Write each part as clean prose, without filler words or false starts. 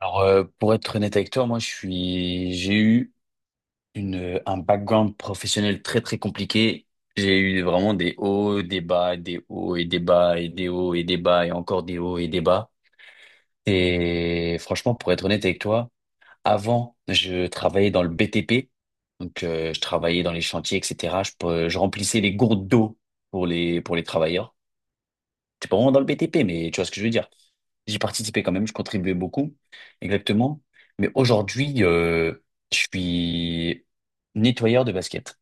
Alors, pour être honnête avec toi, moi, j'ai eu un background professionnel très, très compliqué. J'ai eu vraiment des hauts, des bas, des hauts et des bas, et des hauts et des bas, et encore des hauts et des bas. Et franchement, pour être honnête avec toi, avant, je travaillais dans le BTP. Donc, je travaillais dans les chantiers, etc. Je remplissais les gourdes d'eau pour les travailleurs. C'est pas vraiment dans le BTP, mais tu vois ce que je veux dire. J'y participais quand même, je contribuais beaucoup, exactement. Mais aujourd'hui, je suis nettoyeur de basket.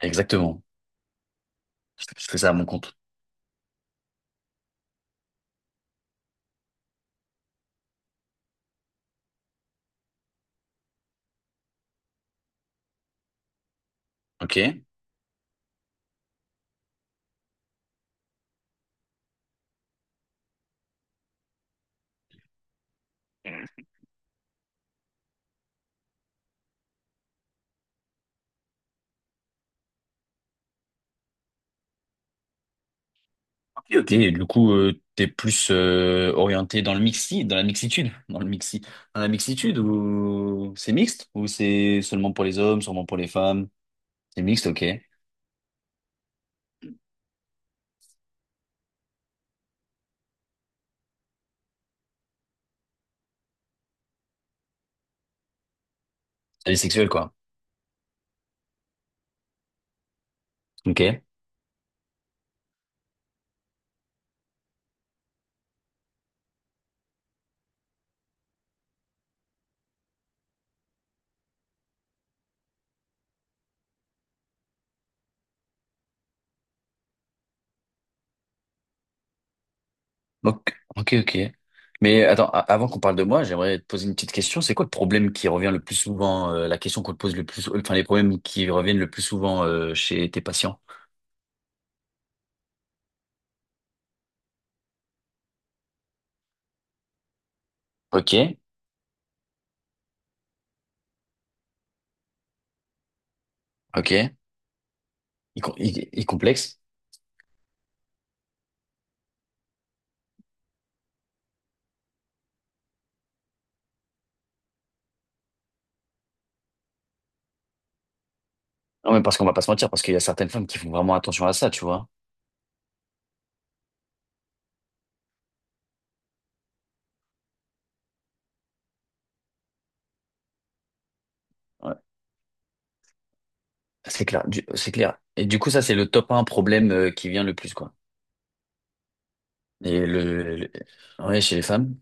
Exactement. Je fais ça à mon compte. Ok. Ok, ok. Et du coup, t'es plus orienté dans le mixi, dans la mixitude, dans le mixi, dans la mixitude, ou c'est mixte, ou c'est seulement pour les hommes, seulement pour les femmes? C'est mixte, ok. C'est sexuel, quoi. Ok. Ok, ok, ok. Mais attends, avant qu'on parle de moi, j'aimerais te poser une petite question. C'est quoi le problème qui revient le plus souvent, la question qu'on te pose le plus, enfin les problèmes qui reviennent le plus souvent chez tes patients? Ok, ok. Il complexe. Non, mais parce qu'on va pas se mentir, parce qu'il y a certaines femmes qui font vraiment attention à ça, tu vois. Ouais. C'est clair, c'est clair. Et du coup, ça, c'est le top un problème qui vient le plus, quoi. Et ouais, chez les femmes.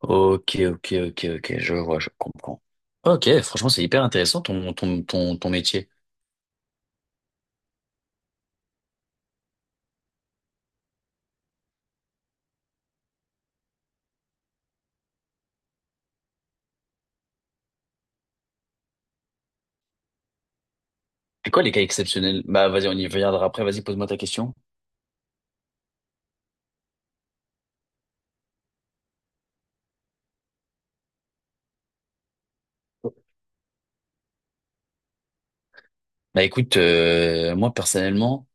Ok, ok, ok, ok, je vois, je comprends. Ok, franchement, c'est hyper intéressant ton, ton, ton, ton métier. C'est quoi les cas exceptionnels? Bah, vas-y, on y reviendra après. Vas-y, pose-moi ta question. Bah, écoute, moi, personnellement,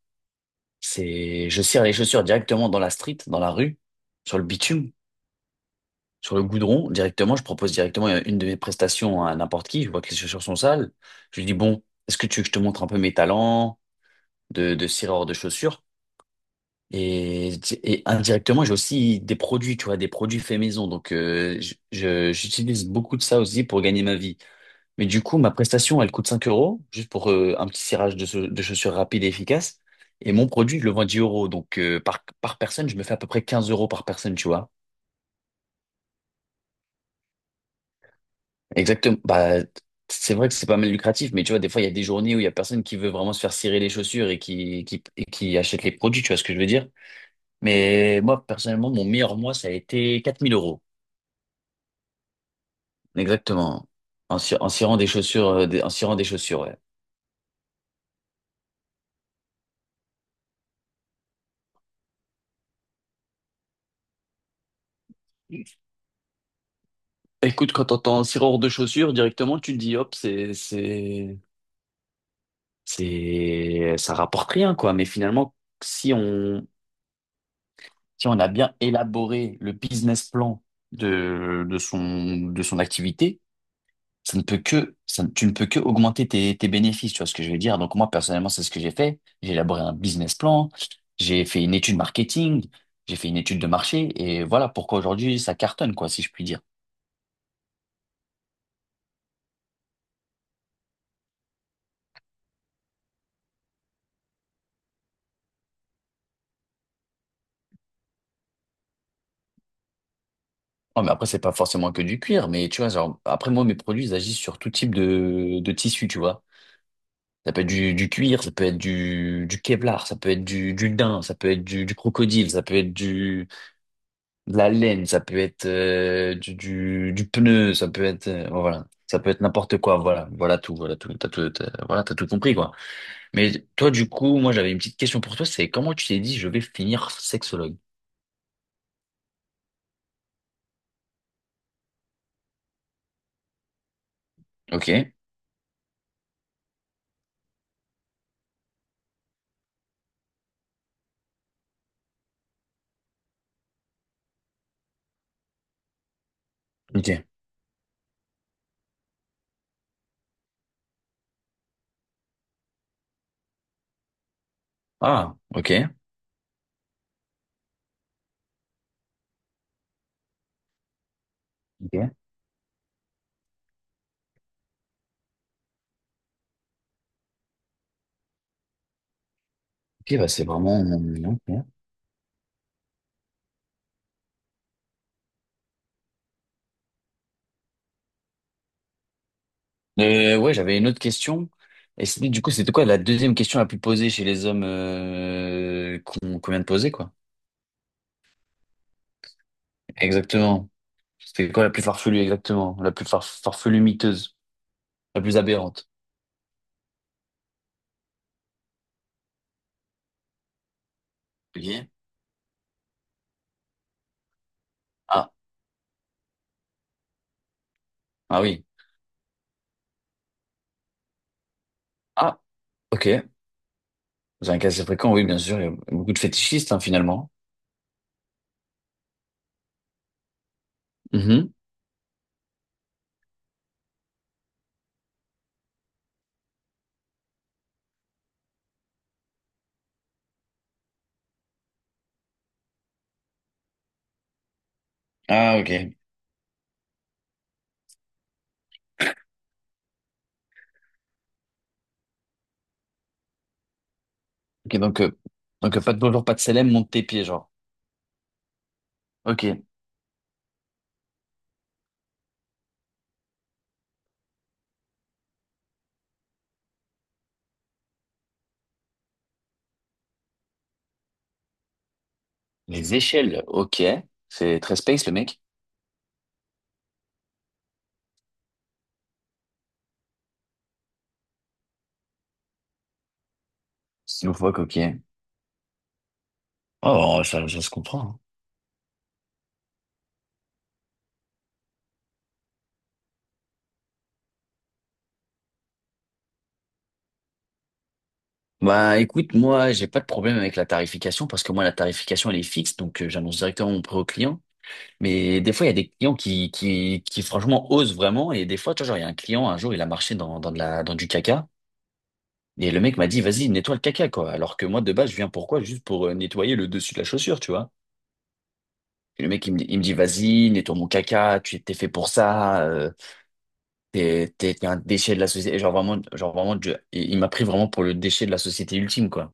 c'est, je cire les chaussures directement dans la street, dans la rue, sur le bitume, sur le goudron, directement. Je propose directement une de mes prestations à n'importe qui. Je vois que les chaussures sont sales. Je lui dis, bon, est-ce que tu veux que je te montre un peu mes talents de cireur de chaussures? Et, et indirectement, j'ai aussi des produits, tu vois, des produits faits maison. Donc, j'utilise beaucoup de ça aussi pour gagner ma vie. Mais du coup, ma prestation, elle coûte 5 euros, juste pour un petit cirage chaussures de chaussures, rapide et efficace. Et mon produit, je le vends 10 euros. Donc, par personne, je me fais à peu près 15 euros par personne, tu vois. Exactement. Bah, c'est vrai que c'est pas mal lucratif, mais tu vois, des fois, il y a des journées où il y a personne qui veut vraiment se faire cirer les chaussures et et qui achète les produits, tu vois ce que je veux dire. Mais moi, personnellement, mon meilleur mois, ça a été 4000 euros. Exactement. En cirant des chaussures, en cirant des chaussures, ouais. Écoute, quand t'entends un cireur de chaussures, directement, tu te dis, hop, ça rapporte rien, quoi. Mais finalement, si on, si on a bien élaboré le business plan de son activité, ça ne peut que, ça, ne- tu ne peux que augmenter tes, tes bénéfices, tu vois ce que je veux dire. Donc moi, personnellement, c'est ce que j'ai fait. J'ai élaboré un business plan, j'ai fait une étude marketing, j'ai fait une étude de marché, et voilà pourquoi aujourd'hui ça cartonne, quoi, si je puis dire. Non, mais après, c'est pas forcément que du cuir, mais tu vois, genre, après, moi, mes produits, ils agissent sur tout type de tissu, tu vois. Ça peut être du cuir, ça peut être du Kevlar, ça peut être du daim, ça peut être du crocodile, ça peut être du de la laine, ça peut être du pneu, ça peut être bon, voilà, ça peut être n'importe quoi, voilà, voilà tout, t'as tout, voilà, t'as tout compris quoi. Mais toi du coup, moi j'avais une petite question pour toi, c'est comment tu t'es dit je vais finir sexologue? Ok, ok. Ah, ok. Ok. Ok, bah c'est vraiment. Ok. Ouais, j'avais une autre question. Du coup, c'était quoi la deuxième question la plus posée chez les hommes qu'on qu'on vient de poser, quoi? Exactement. C'était quoi la plus farfelue, exactement? La plus farfelue miteuse. La plus aberrante. Ok. Ah, ah oui. Ah, ok. Vous avez un cas assez fréquent, oui, bien sûr. Il y a beaucoup de fétichistes, hein, finalement. Mhm. Ah, ok. Ok, donc, pas de bonjour, pas de célèbre, monte tes pieds, genre. Ok. Les échelles, ok. C'est très space, le mec. C'est loufoque, ok. Oh, ça se comprend, hein. Bah, écoute, moi, j'ai pas de problème avec la tarification parce que moi, la tarification, elle est fixe, donc j'annonce directement mon prix au client. Mais des fois, il y a des clients qui franchement osent vraiment. Et des fois, tu vois, genre, il y a un client, un jour, il a marché dans du caca. Et le mec m'a dit, vas-y, nettoie le caca, quoi. Alors que moi, de base, je viens pourquoi? Juste pour nettoyer le dessus de la chaussure, tu vois. Et le mec, il me dit, vas-y, nettoie mon caca, tu t'es fait pour ça, t'es un déchet de la société. Genre vraiment, il m'a pris vraiment pour le déchet de la société ultime, quoi.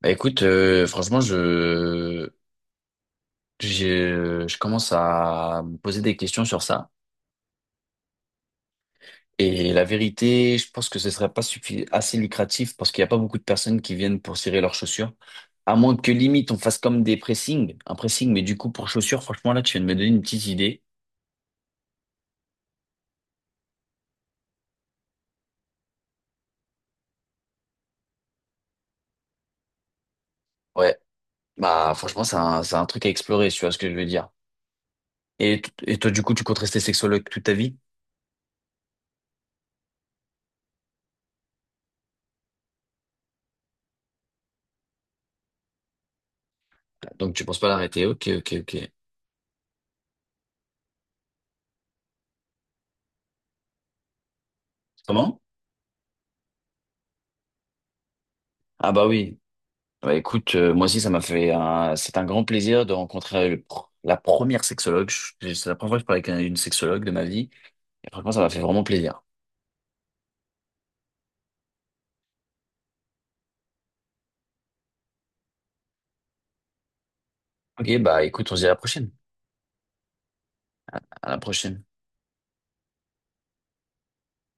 Bah écoute, franchement, j'ai- je commence à me poser des questions sur ça. Et la vérité, je pense que ce serait pas assez lucratif parce qu'il n'y a pas beaucoup de personnes qui viennent pour cirer leurs chaussures. À moins que limite on fasse comme des pressings, un pressing, mais du coup pour chaussures, franchement là tu viens de me donner une petite idée. Ouais, bah franchement c'est un truc à explorer, tu vois ce que je veux dire. Et, et toi du coup tu comptes rester sexologue toute ta vie? Donc tu penses pas l'arrêter, ok ok ok. Comment? Ah bah oui. Bah écoute, moi aussi ça m'a fait un… C'est un grand plaisir de rencontrer la première sexologue. C'est la première fois que je parle avec une sexologue de ma vie. Et franchement, ça m'a fait vraiment plaisir. Ok, bah écoute, on se dit à la prochaine. À la prochaine.